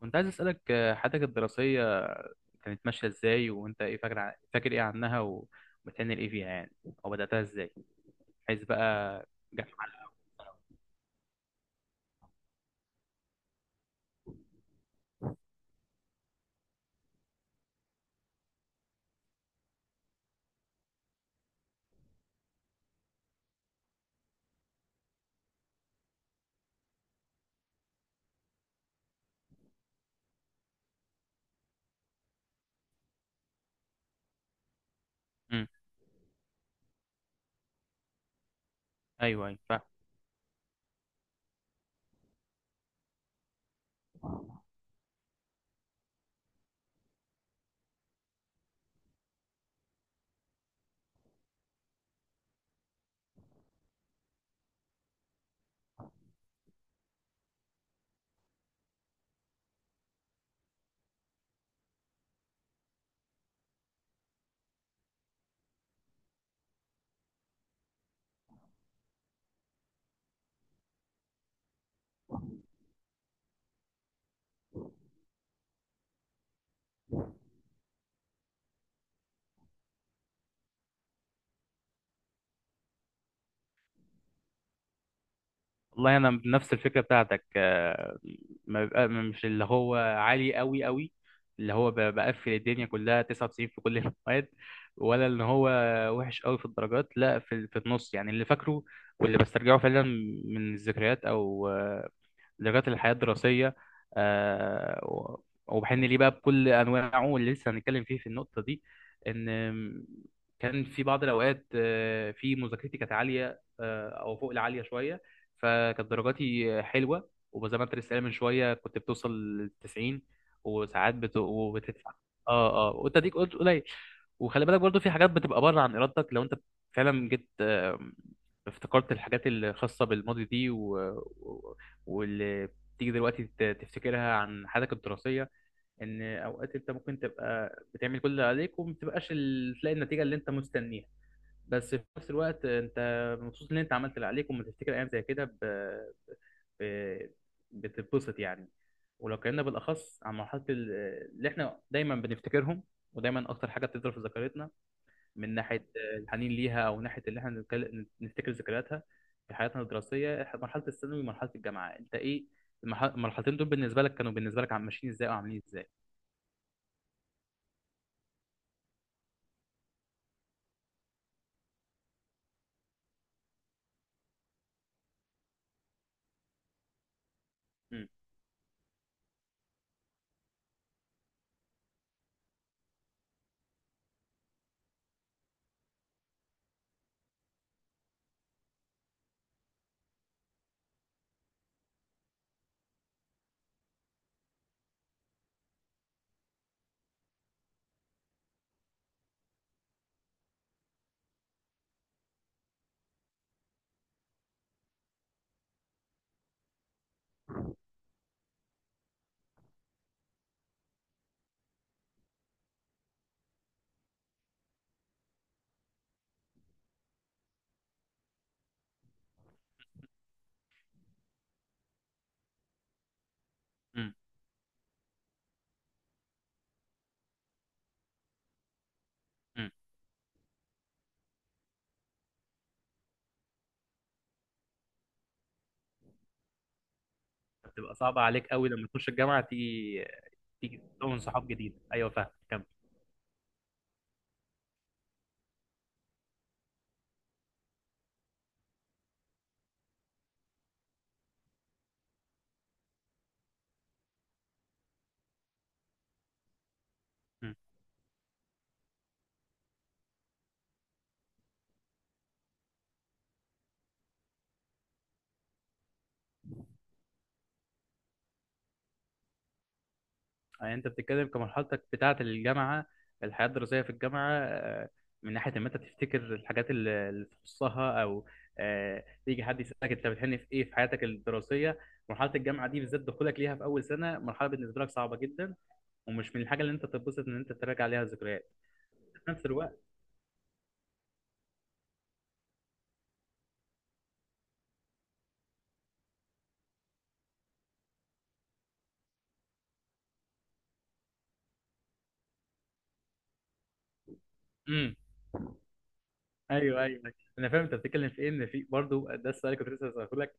كنت عايز أسألك حياتك الدراسية كانت ماشية إزاي وأنت إيه فاكر إيه عنها وبتعمل إيه فيها يعني، أو بدأتها إزاي؟ عايز بقى جامعة. أمم، أيوه، أيوه، فاهم. والله انا بنفس الفكره بتاعتك. ما بيبقى مش اللي هو عالي قوي قوي، اللي هو بقفل الدنيا كلها 99 في كل المواد، ولا ان هو وحش قوي في الدرجات، لا، في النص، يعني اللي فاكره واللي بسترجعه فعلا من الذكريات او لغايه الحياه الدراسيه، وبحن ليه بقى بكل انواعه، واللي لسه هنتكلم فيه في النقطه دي، ان كان في بعض الاوقات في مذاكرتي كانت عاليه، او فوق العاليه شويه، فكانت درجاتي حلوه، وزي ما انت لسه قايل من شويه كنت بتوصل لل 90، وساعات بت... وبتدفع. اه، اه، وانت ديك قلت قليل. وخلي بالك برضو في حاجات بتبقى بره عن ارادتك. لو انت فعلا جيت افتكرت الحاجات الخاصه بالماضي دي، واللي بتيجي دلوقتي تفتكرها عن حياتك الدراسية، إن أوقات أنت ممكن تبقى بتعمل كل اللي عليك، وما بتبقاش تلاقي النتيجة اللي أنت مستنيها، بس في نفس الوقت أنت مبسوط إن أنت عملت اللي عليك. وما تفتكر أيام زي كده ب... بتتبسط يعني. ولو اتكلمنا بالأخص عن اللي إحنا دايما بنفتكرهم، ودايما أكتر حاجة بتفضل في ذاكرتنا من ناحيه الحنين ليها، او ناحيه اللي احنا نفتكر ذكرياتها في حياتنا الدراسيه، مرحله الثانوي ومرحله الجامعه، انت ايه المرحلتين دول بالنسبه لك، كانوا بالنسبه لك ماشيين ازاي وعاملين ازاي؟ امم. امم. امم. بتبقى صعبه عليك قوي لما تخش الجامعه، تيجي تكون صحاب جديد. ايوه، فاهم، كمل. يعني انت بتتكلم كمرحلتك بتاعة الجامعة، الحياة الدراسية في الجامعة، من ناحية ان انت تفتكر الحاجات اللي تخصها، او يجي حد يسألك انت بتحن في ايه في حياتك الدراسية، مرحلة الجامعة دي بالذات، دخولك ليها في اول سنة، مرحلة بالنسبة لك صعبة جدا ومش من الحاجة اللي انت تتبسط ان انت تراجع ليها ذكريات في نفس الوقت. امم. ايوه، ايوه، ايوه. انا فاهم انت بتتكلم في ايه، ان في برضه ده السؤال اللي كنت لسه هسأله لك،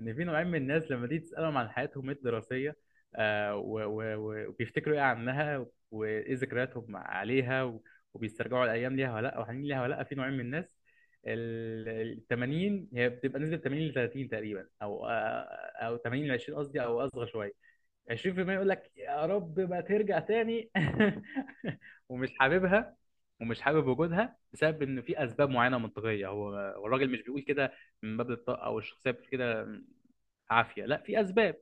ان في نوعين من الناس لما تيجي تسالهم عن حياتهم الدراسيه، وبيفتكروا ايه عنها وايه ذكرياتهم عليها، وبيسترجعوا الايام ليها ولا لا، وحنين ليها ولا لا. في نوعين من الناس، 80 هي بتبقى نسبه 80 ل 30 تقريبا، او او 80 ل 20 قصدي، او اصغر شويه، 20% يقول لك يا رب ما ترجع تاني ومش حاببها ومش حابب وجودها بسبب ان في اسباب معينه منطقيه. هو الراجل مش بيقول كده من باب الطاقه او الشخصيه بتقول كده عافيه، لا، في اسباب،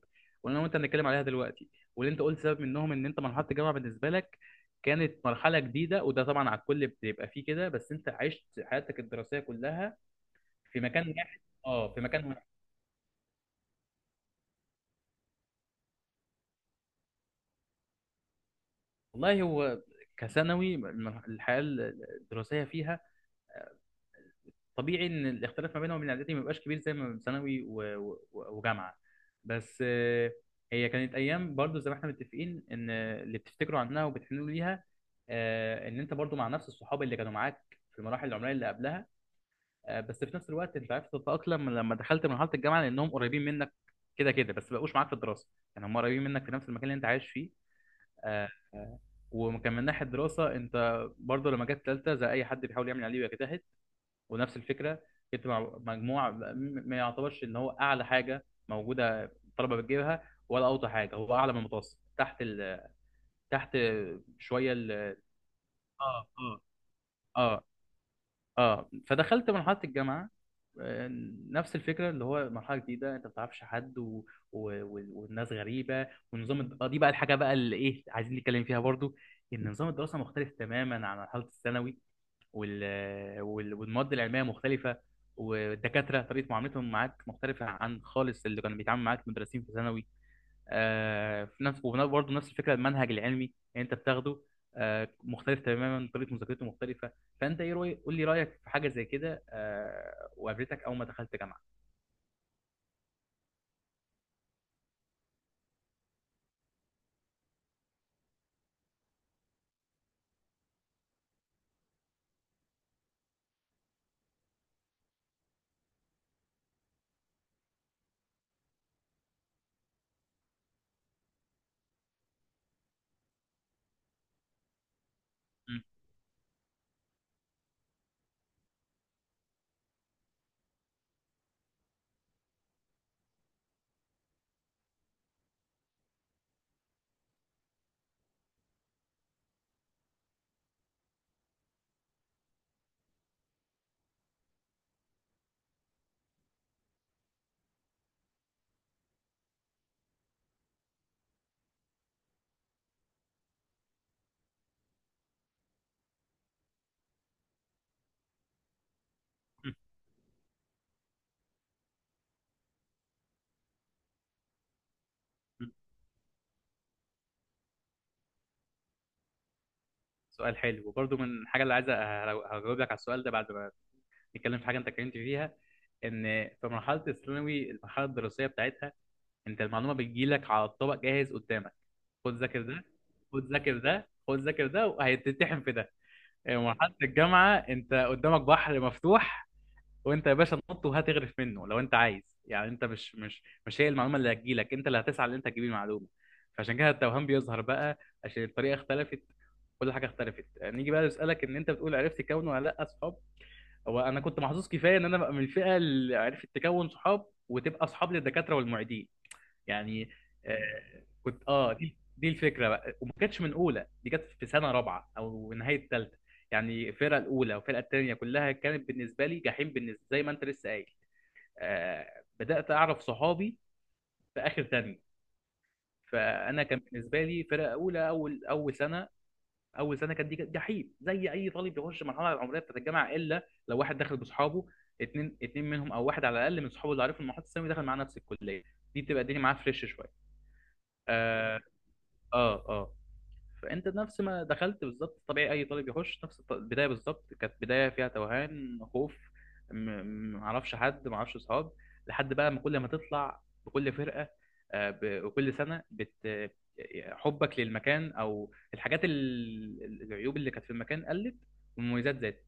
وانا وانت هنتكلم عليها دلوقتي. واللي انت قلت سبب منهم، ان انت مرحله الجامعه بالنسبه لك كانت مرحله جديده، وده طبعا على الكل بيبقى فيه كده، بس انت عشت حياتك الدراسيه كلها في مكان واحد. اه، في مكان واحد. والله هو كثانوي، الحياه الدراسيه فيها طبيعي ان الاختلاف ما بينهم وبين اعدادي ما بيبقاش كبير زي ما بين ثانوي و- و- وجامعه، بس هي كانت ايام برضو زي ما احنا متفقين ان اللي بتفتكروا عنها وبتحنوا ليها، ان انت برضو مع نفس الصحاب اللي كانوا معاك في المراحل العمريه اللي قبلها، بس في نفس الوقت انت عرفت تتاقلم لما دخلت مرحله الجامعه لانهم قريبين منك كده كده، بس ما بقوش معاك في الدراسه، يعني هم قريبين منك في نفس المكان اللي انت عايش فيه. آه، آه، وكان من ناحيه الدراسه انت برضو لما جت ثالثه زي اي حد بيحاول يعمل عليه ويجتهد، ونفس الفكره، جبت مع مجموع ما يعتبرش ان هو اعلى حاجه موجوده الطلبه بتجيبها، ولا اوطى حاجه، هو اعلى من المتوسط، تحت شويه اه، اه، اه، اه. فدخلت مرحله الجامعه، آه، نفس الفكره اللي هو مرحله جديده، انت ما بتعرفش حد، و... و... و- والناس غريبه، والنظام الد- آه، دي بقى الحاجه بقى اللي ايه عايزين نتكلم فيها برضو، ان نظام الدراسه مختلف تماما عن مرحله الثانوي، وال... وال... والمواد العلميه مختلفه، والدكاتره طريقه معاملتهم معاك مختلفه عن خالص اللي كانوا بيتعاملوا معاك المدرسين في ثانوي، في نفس، وبرضه نفس الفكره، المنهج العلمي اللي انت بتاخده مختلف تماما، طريقه مذاكرته مختلفه. فانت ايه قول لي رايك في حاجه زي كده، وقابلتك اول ما دخلت جامعه؟ مم. مم. مم. سؤال حلو وبرضه من الحاجه اللي عايز. هجاوب لك على السؤال ده بعد ما نتكلم في حاجه انت اتكلمت فيها، ان في مرحله الثانوي المرحله الدراسيه بتاعتها انت المعلومه بتجيلك على الطبق جاهز قدامك، خد ذاكر ده، خد ذاكر ده، خد ذاكر ده وهيتتحم في ده. يعني مرحله الجامعه انت قدامك بحر مفتوح، وانت يا باشا نط وهتغرف منه لو انت عايز. يعني انت مش هي المعلومه اللي هتجيلك، انت اللي هتسعى ان انت تجيب المعلومه. فعشان كده التوهان بيظهر بقى، عشان الطريقه اختلفت، كل حاجه اختلفت. نيجي بقى نسالك ان انت بتقول عرفت تكون ولا لا اصحاب. هو انا كنت محظوظ كفايه ان انا بقى من الفئه اللي عرفت تكون صحاب وتبقى اصحاب للدكاتره والمعيدين يعني. كنت اه، دي الفكره بقى، وما كانتش من اولى، دي كانت في سنه رابعه او نهايه ثالثه، يعني الفرقه الاولى والفرقه الثانيه كلها كانت بالنسبه لي جحيم، بالنسبه زي ما انت لسه قايل. بدات اعرف صحابي في اخر ثانيه. فانا كان بالنسبه لي فرقه اولى، اول سنه، اول سنه كانت دي كانت جحيم زي اي طالب بيخش المرحله العمريه بتاعت الجامعه، الا لو واحد دخل باصحابه، اتنين منهم او واحد على الاقل من صحابه اللي عارفهم من محيط الثانوي دخل معاه نفس الكليه، دي بتبقى الدنيا معاه فريش شويه. اه، اه، آه. فانت نفس ما دخلت بالظبط، طبيعي اي طالب يخش نفس البدايه. بالظبط كانت بدايه فيها توهان، خوف، معرفش حد، معرفش اصحاب، لحد بقى ما كل ما تطلع بكل فرقه، آه، ب- وكل سنه بت حبك للمكان، او الحاجات العيوب اللي كانت في المكان قلت والمميزات زادت.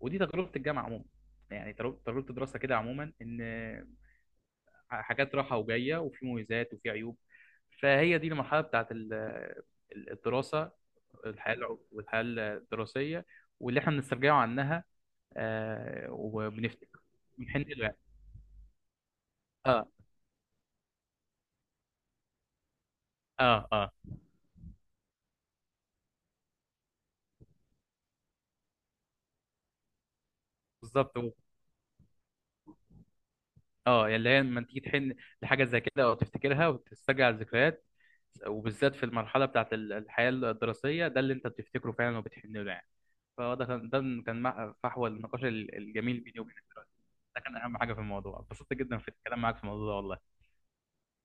ودي تجربه الجامعه عموما، يعني تجربة الدراسه كده عموما، ان حاجات رايحه وجايه، وفي مميزات وفي عيوب. فهي دي المرحله بتاعت الدراسه، الحياة الع- والحياة الدراسية، واللي احنا بنسترجعه عنها، وبنفتكر، بنحن له يعني. اه، اه، اه، بالظبط. يعني اللي هي لما تيجي تحن لحاجة زي كده او تفتكرها وتسترجع الذكريات، وبالذات في المرحلة بتاعت الحياة الدراسية، ده اللي انت بتفتكره فعلا وبتحن له يعني. فده كان فحوى النقاش الجميل بيني وبينك. ده كان اهم حاجة في الموضوع. اتبسطت جدا في الكلام معاك في الموضوع ده والله.